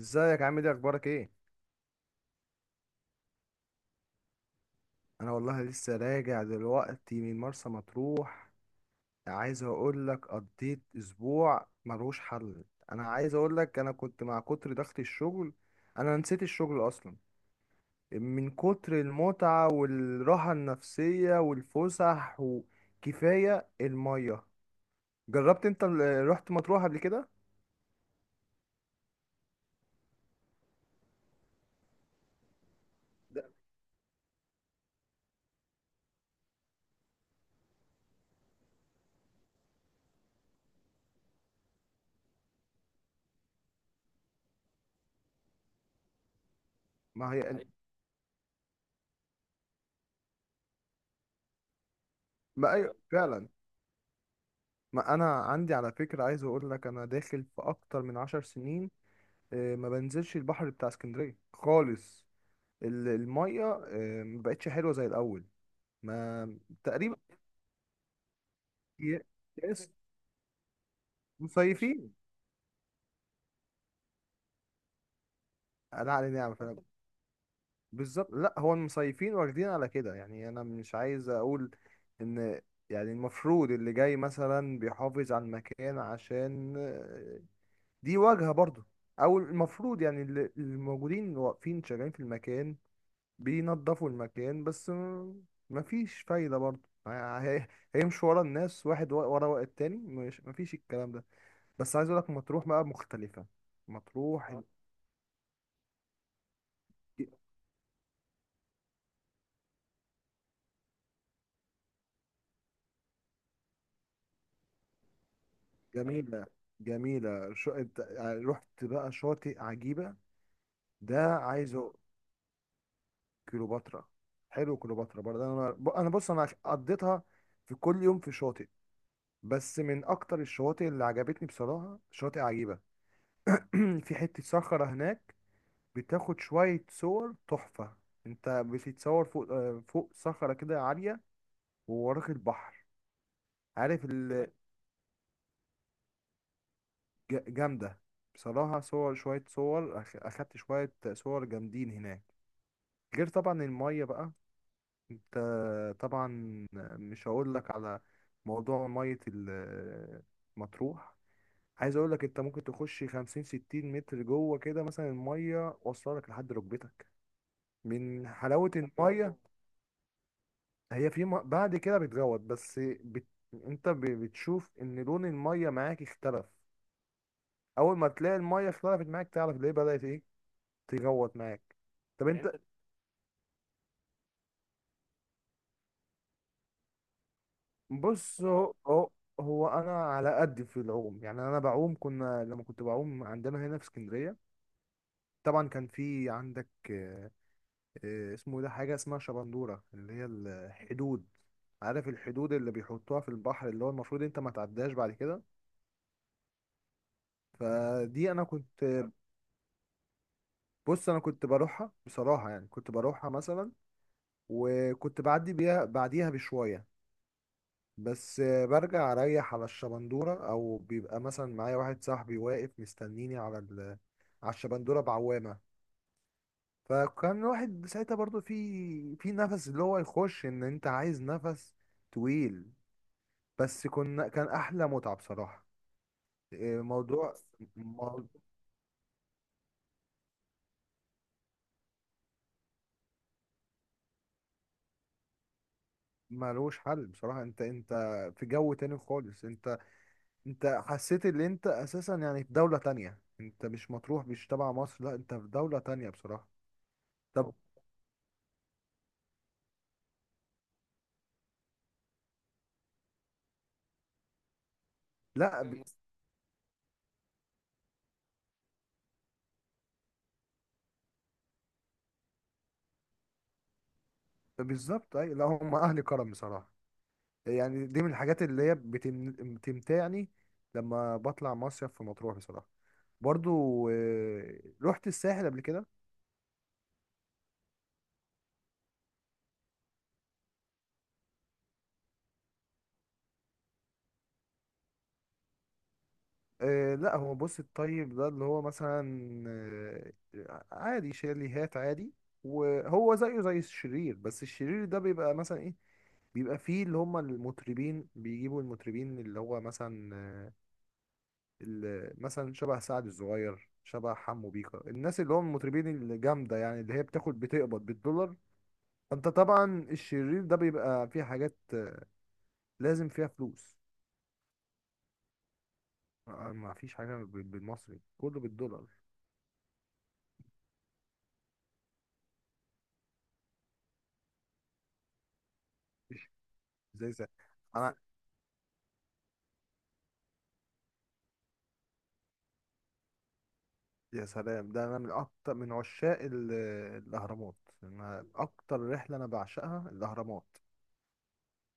ازيك، عامل ايه، اخبارك ايه؟ انا والله لسه راجع دلوقتي من مرسى مطروح. عايز اقول لك، قضيت اسبوع ملوش حل. انا عايز اقول لك انا كنت مع كتر ضغط الشغل. انا نسيت الشغل اصلا من كتر المتعة والراحة النفسية والفسح وكفاية المية. جربت انت رحت مطروح قبل كده؟ لا. ما هي حقيقي. ما أيوة فعلا. ما انا عندي على فكرة، عايز اقول لك، انا داخل في اكتر من 10 سنين ما بنزلش البحر بتاع اسكندريه خالص. الميه ما بقتش حلوه زي الاول. ما تقريبا. ي- يس. مصيفين. انا علي نعمه، فانا بالظبط. لا، هو المصيفين واخدين على كده. يعني انا مش عايز اقول ان، يعني المفروض اللي جاي مثلا بيحافظ على المكان، عشان دي واجهه برضو. او المفروض يعني اللي موجودين واقفين شغالين في المكان بينضفوا المكان، بس مفيش فايدة برضه. ه- هي- هيمشوا ورا الناس، واحد ورا التاني؟ مش، مفيش الكلام ده. بس عايز اقولك مطروح بقى مختلفة. مطروح ج- جميلة. جميلة. رحت بقى شاطئ عجيبة ده؟ عايزه كليوباترا. حلو، كليوباترا برضه. انا انا بص، انا قضيتها في كل يوم في شاطئ. بس من اكتر الشواطئ اللي عجبتني بصراحة شاطئ عجيبة. في حتة صخرة هناك بتاخد شوية صور تحفة. انت بتتصور فوق، فوق صخرة كده عالية ووراك البحر. عارف جامدة. بصراحة صور، شوية صور أخدت شوية صور جامدين هناك، غير طبعا المية بقى. انت طبعا مش هقول لك على موضوع مية مطروح. عايز اقول لك، انت ممكن تخش 50 60 متر جوه كده، مثلا المية واصلة لك لحد ركبتك من حلاوة المية. بعد كده بتغوط بس. بت... انت بتشوف ان لون الميه معاك اختلف. اول ما تلاقي الميه اختلفت معاك، تعرف ليه؟ بدأت ايه تغوط معاك. طب يعني انت بص. هو هو انا على قد في العوم. يعني انا بعوم، كنا لما كنت بعوم عندنا هنا في اسكندريه، طبعا كان في عندك اسمه إيه ده، حاجه اسمها شبندوره، اللي هي الحدود. عارف الحدود اللي بيحطوها في البحر، اللي هو المفروض انت ما تعداش بعد كده. فدي انا كنت، بص، انا كنت بروحها بصراحه. يعني كنت بروحها مثلا، وكنت بعدي بيها، بعديها بشويه، بس برجع اريح على الشبندوره. او بيبقى مثلا معايا واحد صاحبي واقف مستنيني على على الشبندوره بعوامه. فكان الواحد ساعتها برضو في، نفس اللي هو يخش، ان انت عايز نفس طويل. بس كنا، كان احلى متعه بصراحه. موضوع مو- ملوش حل بصراحه. انت، في جو تاني خالص. انت، انت حسيت ان انت اساسا يعني في دولة تانية. انت مش مطروح، مش تبع مصر، لا انت في دولة تانية بصراحة. طب. لا ب... بالظبط، اي، لا هم اهل كرم بصراحة. يعني دي من الحاجات اللي هي بتمتعني لما بطلع مصيف في مطروح بصراحة. برضو رحت الساحل قبل كده؟ لا هو بص، الطيب ده اللي هو مثلا آه، عادي، شاليهات عادي. وهو زيه زي الشرير، بس الشرير ده بيبقى مثلا ايه، بيبقى فيه اللي هم المطربين. بيجيبوا المطربين اللي هو مثلا، اللي مثلا شبه سعد الصغير، شبه حمو بيكا، الناس اللي هم المطربين الجامدة، يعني اللي هي بتاخد، بتقبض بالدولار. فانت طبعا الشرير ده بيبقى فيه حاجات لازم فيها فلوس. ما فيش حاجة بالمصري، كله بالدولار. مفيش زي انا. يا سلام، ده انا من اكتر من عشاق الاهرامات. أنا اكتر رحلة انا بعشقها الاهرامات.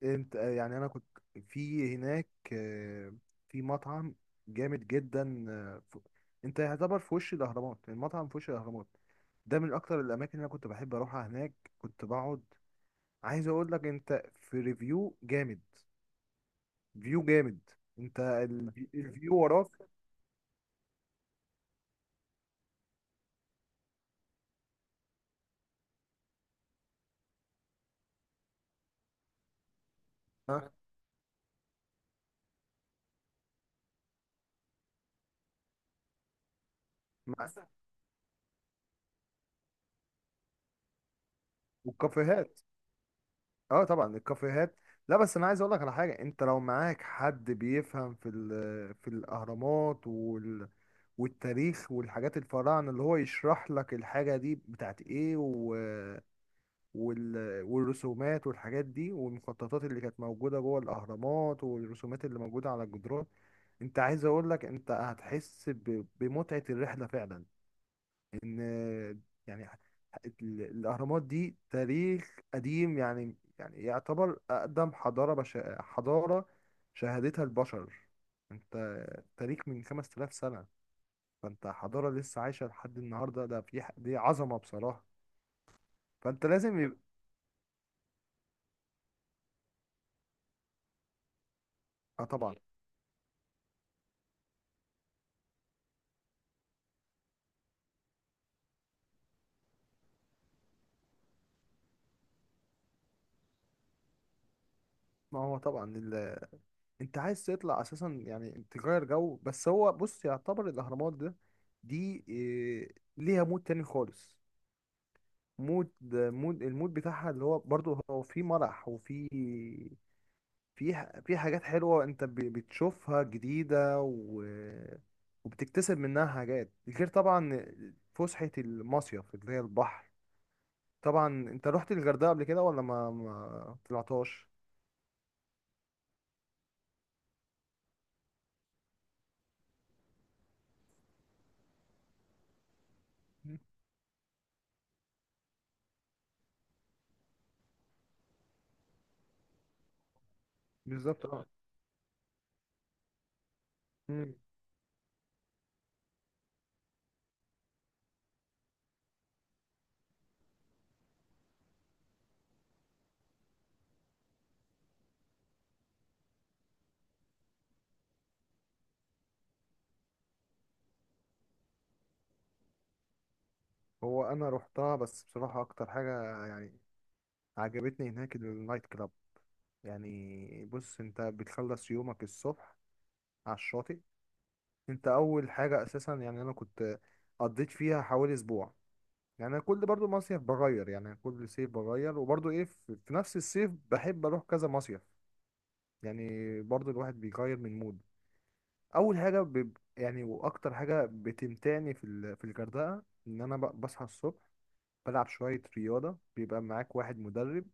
انت يعني انا كنت في هناك آه، في مطعم جامد جدا. انت يعتبر في وش الاهرامات، يعني المطعم في وش الاهرامات. ده من اكتر الاماكن اللي انا كنت بحب اروحها، هناك كنت بقعد. عايز اقول لك انت، في ريفيو جامد، فيو جامد. انت الفيو وراك. ها. مع- والكافيهات. اه طبعا الكافيهات. لا بس انا عايز اقول لك على حاجه، انت لو معاك حد بيفهم في في الاهرامات والتاريخ والحاجات الفراعنة، اللي هو يشرح لك الحاجة دي بتاعت ايه، وال... والرسومات والحاجات دي والمخططات اللي كانت موجودة جوه الأهرامات، والرسومات اللي موجودة على الجدران، انت عايز اقول لك انت هتحس بمتعة الرحلة فعلا. ان يعني الأهرامات دي تاريخ قديم، يعني يعتبر أقدم حضارة حضارة شهدتها البشر. انت تاريخ من 5000 سنة. فانت حضارة لسه عايشة لحد النهاردة، ده في دي عظمة بصراحة. فانت لازم يبقى، آه طبعا. ما هو طبعا انت عايز تطلع اساسا يعني تغير جو، بس هو بص، يعتبر الاهرامات ده، دي ليها مود تاني خالص. مود المود بتاعها، اللي هو برضو هو في مرح، وفي، في في حاجات حلوة انت بتشوفها جديدة وبتكتسب منها حاجات، غير طبعا فسحة المصيف اللي هي البحر. طبعا انت رحت الغردقه قبل كده ولا ما طلعتهاش؟ مم. بالظبط، اه. مم. هو انا رحتها. بس بصراحه اكتر حاجه يعني عجبتني هناك النايت كلاب. يعني بص، انت بتخلص يومك الصبح على الشاطئ. انت اول حاجه اساسا، يعني انا كنت قضيت فيها حوالي اسبوع. يعني انا كل برضو مصيف بغير، يعني كل صيف بغير، وبرضو ايه، في نفس الصيف بحب اروح كذا مصيف. يعني برضو الواحد بيغير من مود. اول حاجه يعني واكتر حاجه بتمتعني في في الغردقه، ان انا بصحى الصبح بلعب شويه رياضه. بيبقى معاك واحد مدرب،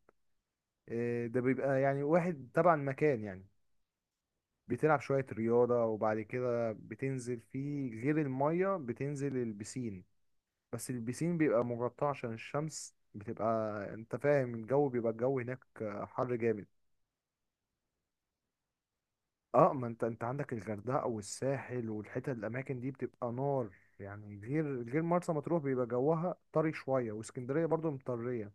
ده بيبقى يعني واحد تبع المكان يعني. بتلعب شويه رياضه، وبعد كده بتنزل في غير الميه، بتنزل البسين. بس البسين بيبقى مغطى عشان الشمس بتبقى، انت فاهم، الجو بيبقى، الجو هناك حر جامد. اه، ما انت عندك الغردقه والساحل والحتت، الاماكن دي بتبقى نار. يعني غير مرسى مطروح بيبقى جوها طري شويه، واسكندريه برضو مطريه.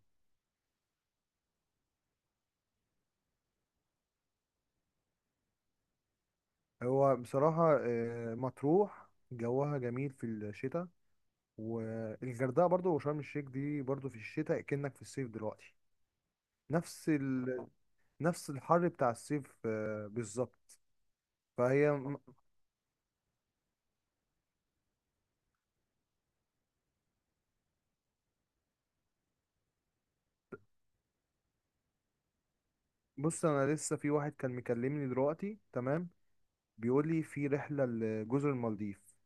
هو بصراحه مطروح جوها جميل في الشتاء، والغردقه برضو، وشرم الشيخ دي برضو في الشتاء كأنك في الصيف دلوقتي. نفس نفس الحر بتاع الصيف، بالظبط. فهي م- بص انا لسه في واحد كان مكلمني دلوقتي تمام، بيقول لي في رحله لجزر المالديف.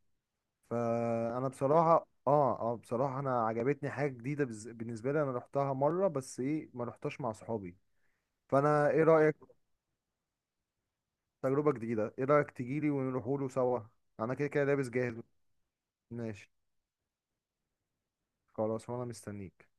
فانا بصراحه، بصراحه انا عجبتني حاجه جديده. بالنسبه لي انا رحتها مره، بس ايه، ما رحتهاش مع صحابي. فانا ايه رايك؟ تجربه جديده، ايه رايك تجيلي ونروحوله سوا؟ انا كده كده لابس جاهز. ماشي، خلاص، وانا مستنيك.